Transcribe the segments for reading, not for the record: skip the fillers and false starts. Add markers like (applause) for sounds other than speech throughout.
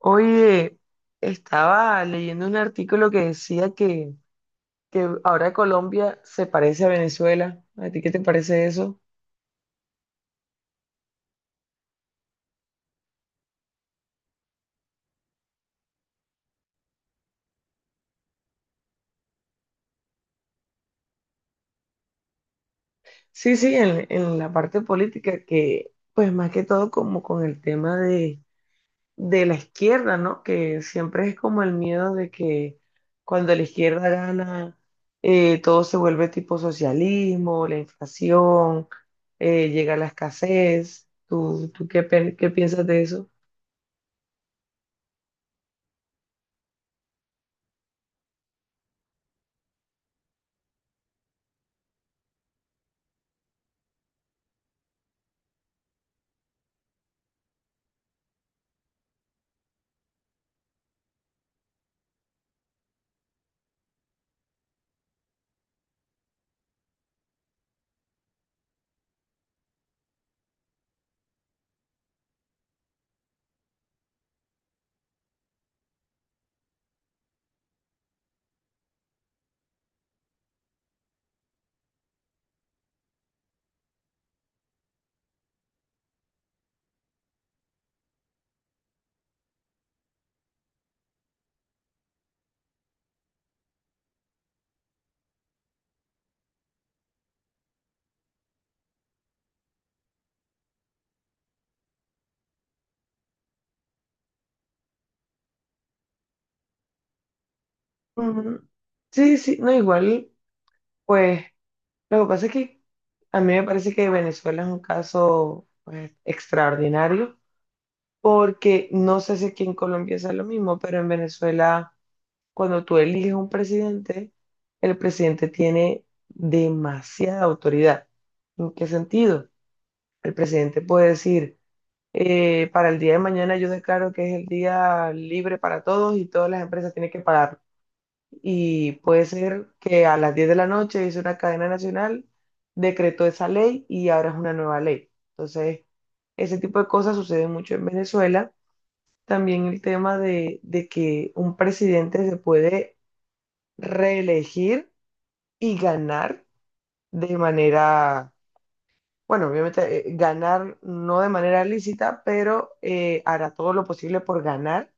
Oye, estaba leyendo un artículo que decía que ahora Colombia se parece a Venezuela. ¿A ti qué te parece eso? Sí, sí, en la parte política, que pues más que todo como con el tema de la izquierda, ¿no? Que siempre es como el miedo de que cuando la izquierda gana, todo se vuelve tipo socialismo, la inflación, llega la escasez. Qué piensas de eso? Mm. Sí, sí, no, igual, pues lo que pasa es que a mí me parece que Venezuela es un caso, pues, extraordinario, porque no sé si aquí en Colombia es lo mismo, pero en Venezuela, cuando tú eliges un presidente, el presidente tiene demasiada autoridad. ¿En qué sentido? El presidente puede decir, para el día de mañana yo declaro que es el día libre para todos y todas las empresas tienen que pagar, y puede ser que a las 10 de la noche hizo una cadena nacional, decretó esa ley y ahora es una nueva ley. Entonces, ese tipo de cosas sucede mucho en Venezuela. También el tema de que un presidente se puede reelegir y ganar de manera, bueno, obviamente ganar no de manera lícita, pero hará todo lo posible por ganar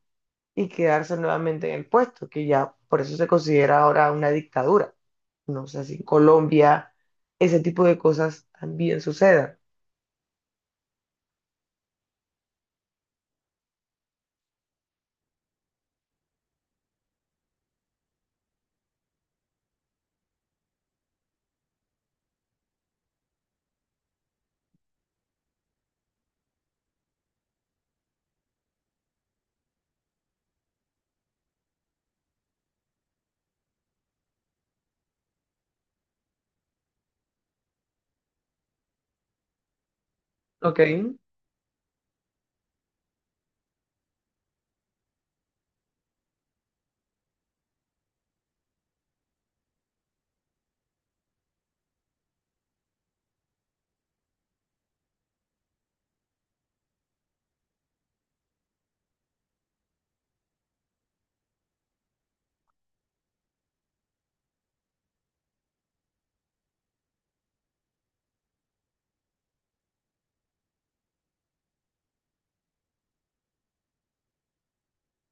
y quedarse nuevamente en el puesto, que ya por eso se considera ahora una dictadura. No sé si en Colombia ese tipo de cosas también sucedan. ¿Ok?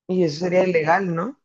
Y eso sería ilegal, ¿no?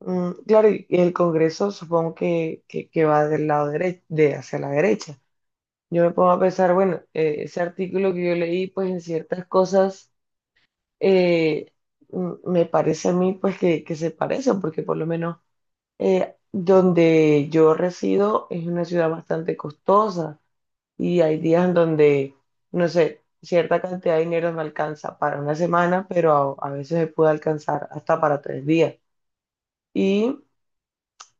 Mm, claro, y el Congreso supongo que va del lado derecho, de hacia la derecha. Yo me pongo a pensar, bueno, ese artículo que yo leí, pues en ciertas cosas, eh, me parece a mí, pues, que se parecen, porque por lo menos, eh, donde yo resido es una ciudad bastante costosa y hay días en donde, no sé, cierta cantidad de dinero me alcanza para una semana, pero a veces me puede alcanzar hasta para 3 días. Y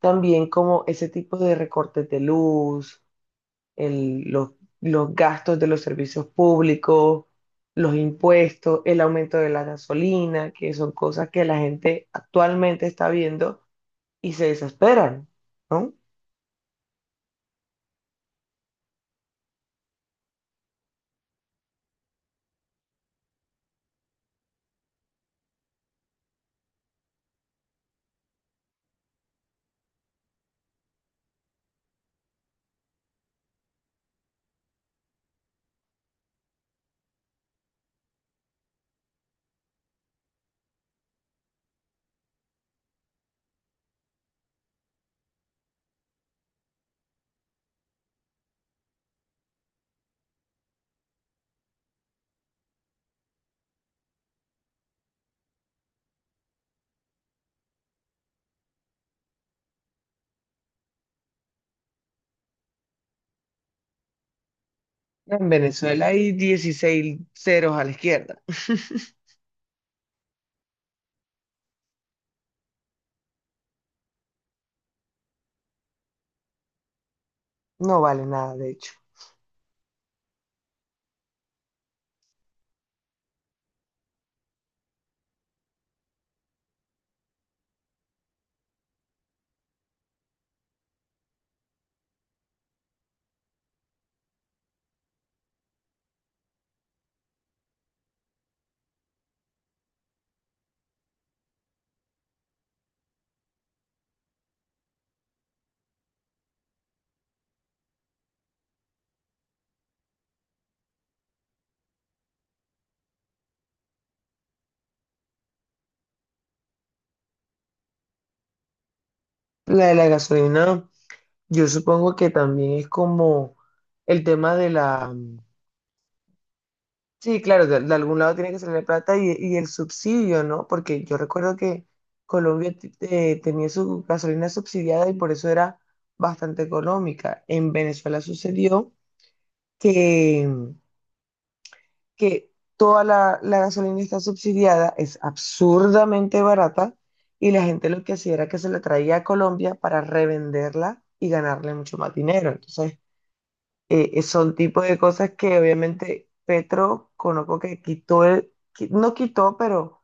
también como ese tipo de recortes de luz, el- los, los gastos de los servicios públicos, los impuestos, el aumento de la gasolina, que son cosas que la gente actualmente está viendo y se desesperan, ¿no? En Venezuela hay 16 ceros a la izquierda. (laughs) No vale nada, de hecho. La de la gasolina, yo supongo que también es como el tema de la... Sí, claro, de algún lado tiene que salir la plata y el subsidio, ¿no? Porque yo recuerdo que Colombia tenía su gasolina subsidiada y por eso era bastante económica. En Venezuela sucedió que que toda la gasolina está subsidiada, es absurdamente barata, y la gente lo que hacía era que se la traía a Colombia para revenderla y ganarle mucho más dinero. Entonces, son tipo de cosas que obviamente Petro conozco que quitó, no quitó, pero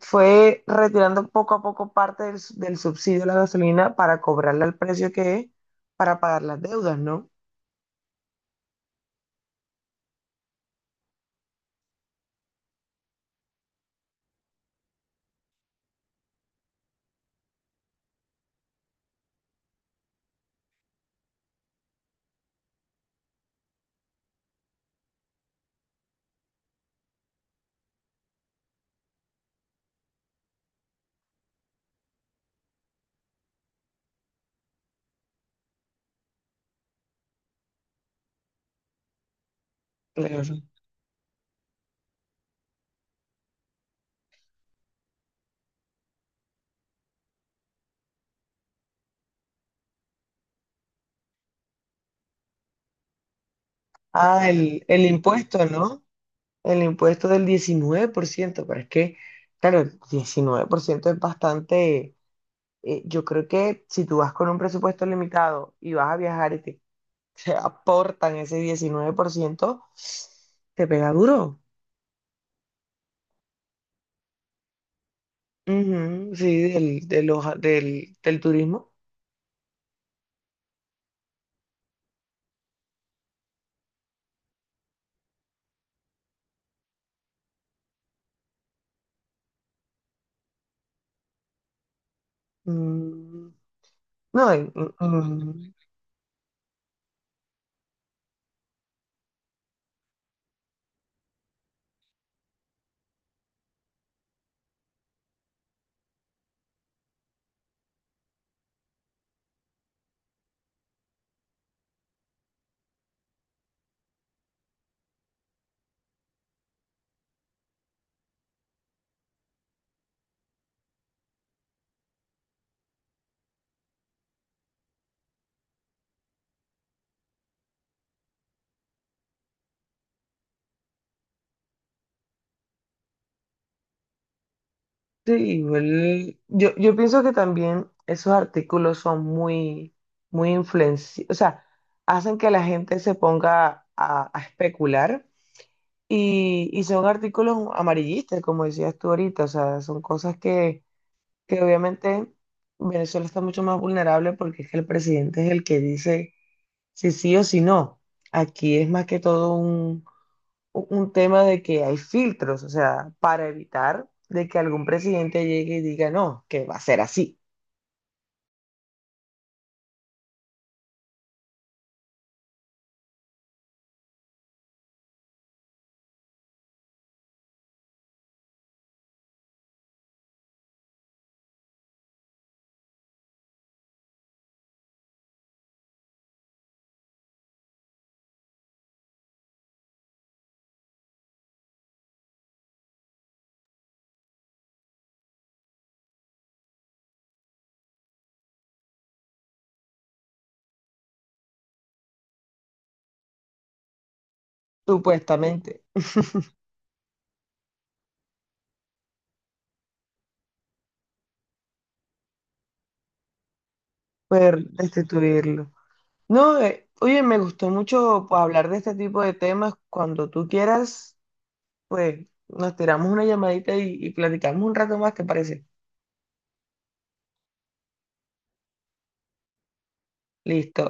fue retirando poco a poco parte del subsidio a la gasolina para cobrarla al precio que es, para pagar las deudas, ¿no? Claro. Ah, el impuesto, ¿no? El impuesto del 19%, pero es que, claro, el 19% es bastante, yo creo que si tú vas con un presupuesto limitado y vas a viajar y (laughs) te aportan ese 19%, te pega duro. Ujú, sí, del, de los- del, del turismo. Mm, no, y- ujú. Sí, igual, yo pienso que también esos artículos son muy, muy influenciados, o sea, hacen que la gente se ponga a especular, y son artículos amarillistas, como decías tú ahorita, o sea, son cosas que obviamente Venezuela está mucho más vulnerable porque es que el presidente es el que dice si sí o si no. Aquí es más que todo un tema de que hay filtros, o sea, para evitar de que algún presidente llegue y diga, no, que va a ser así, supuestamente, poder destituirlo. No, oye, me gustó mucho, pues, hablar de este tipo de temas. Cuando tú quieras, pues nos tiramos una llamadita y platicamos un rato más, ¿te parece? Listo.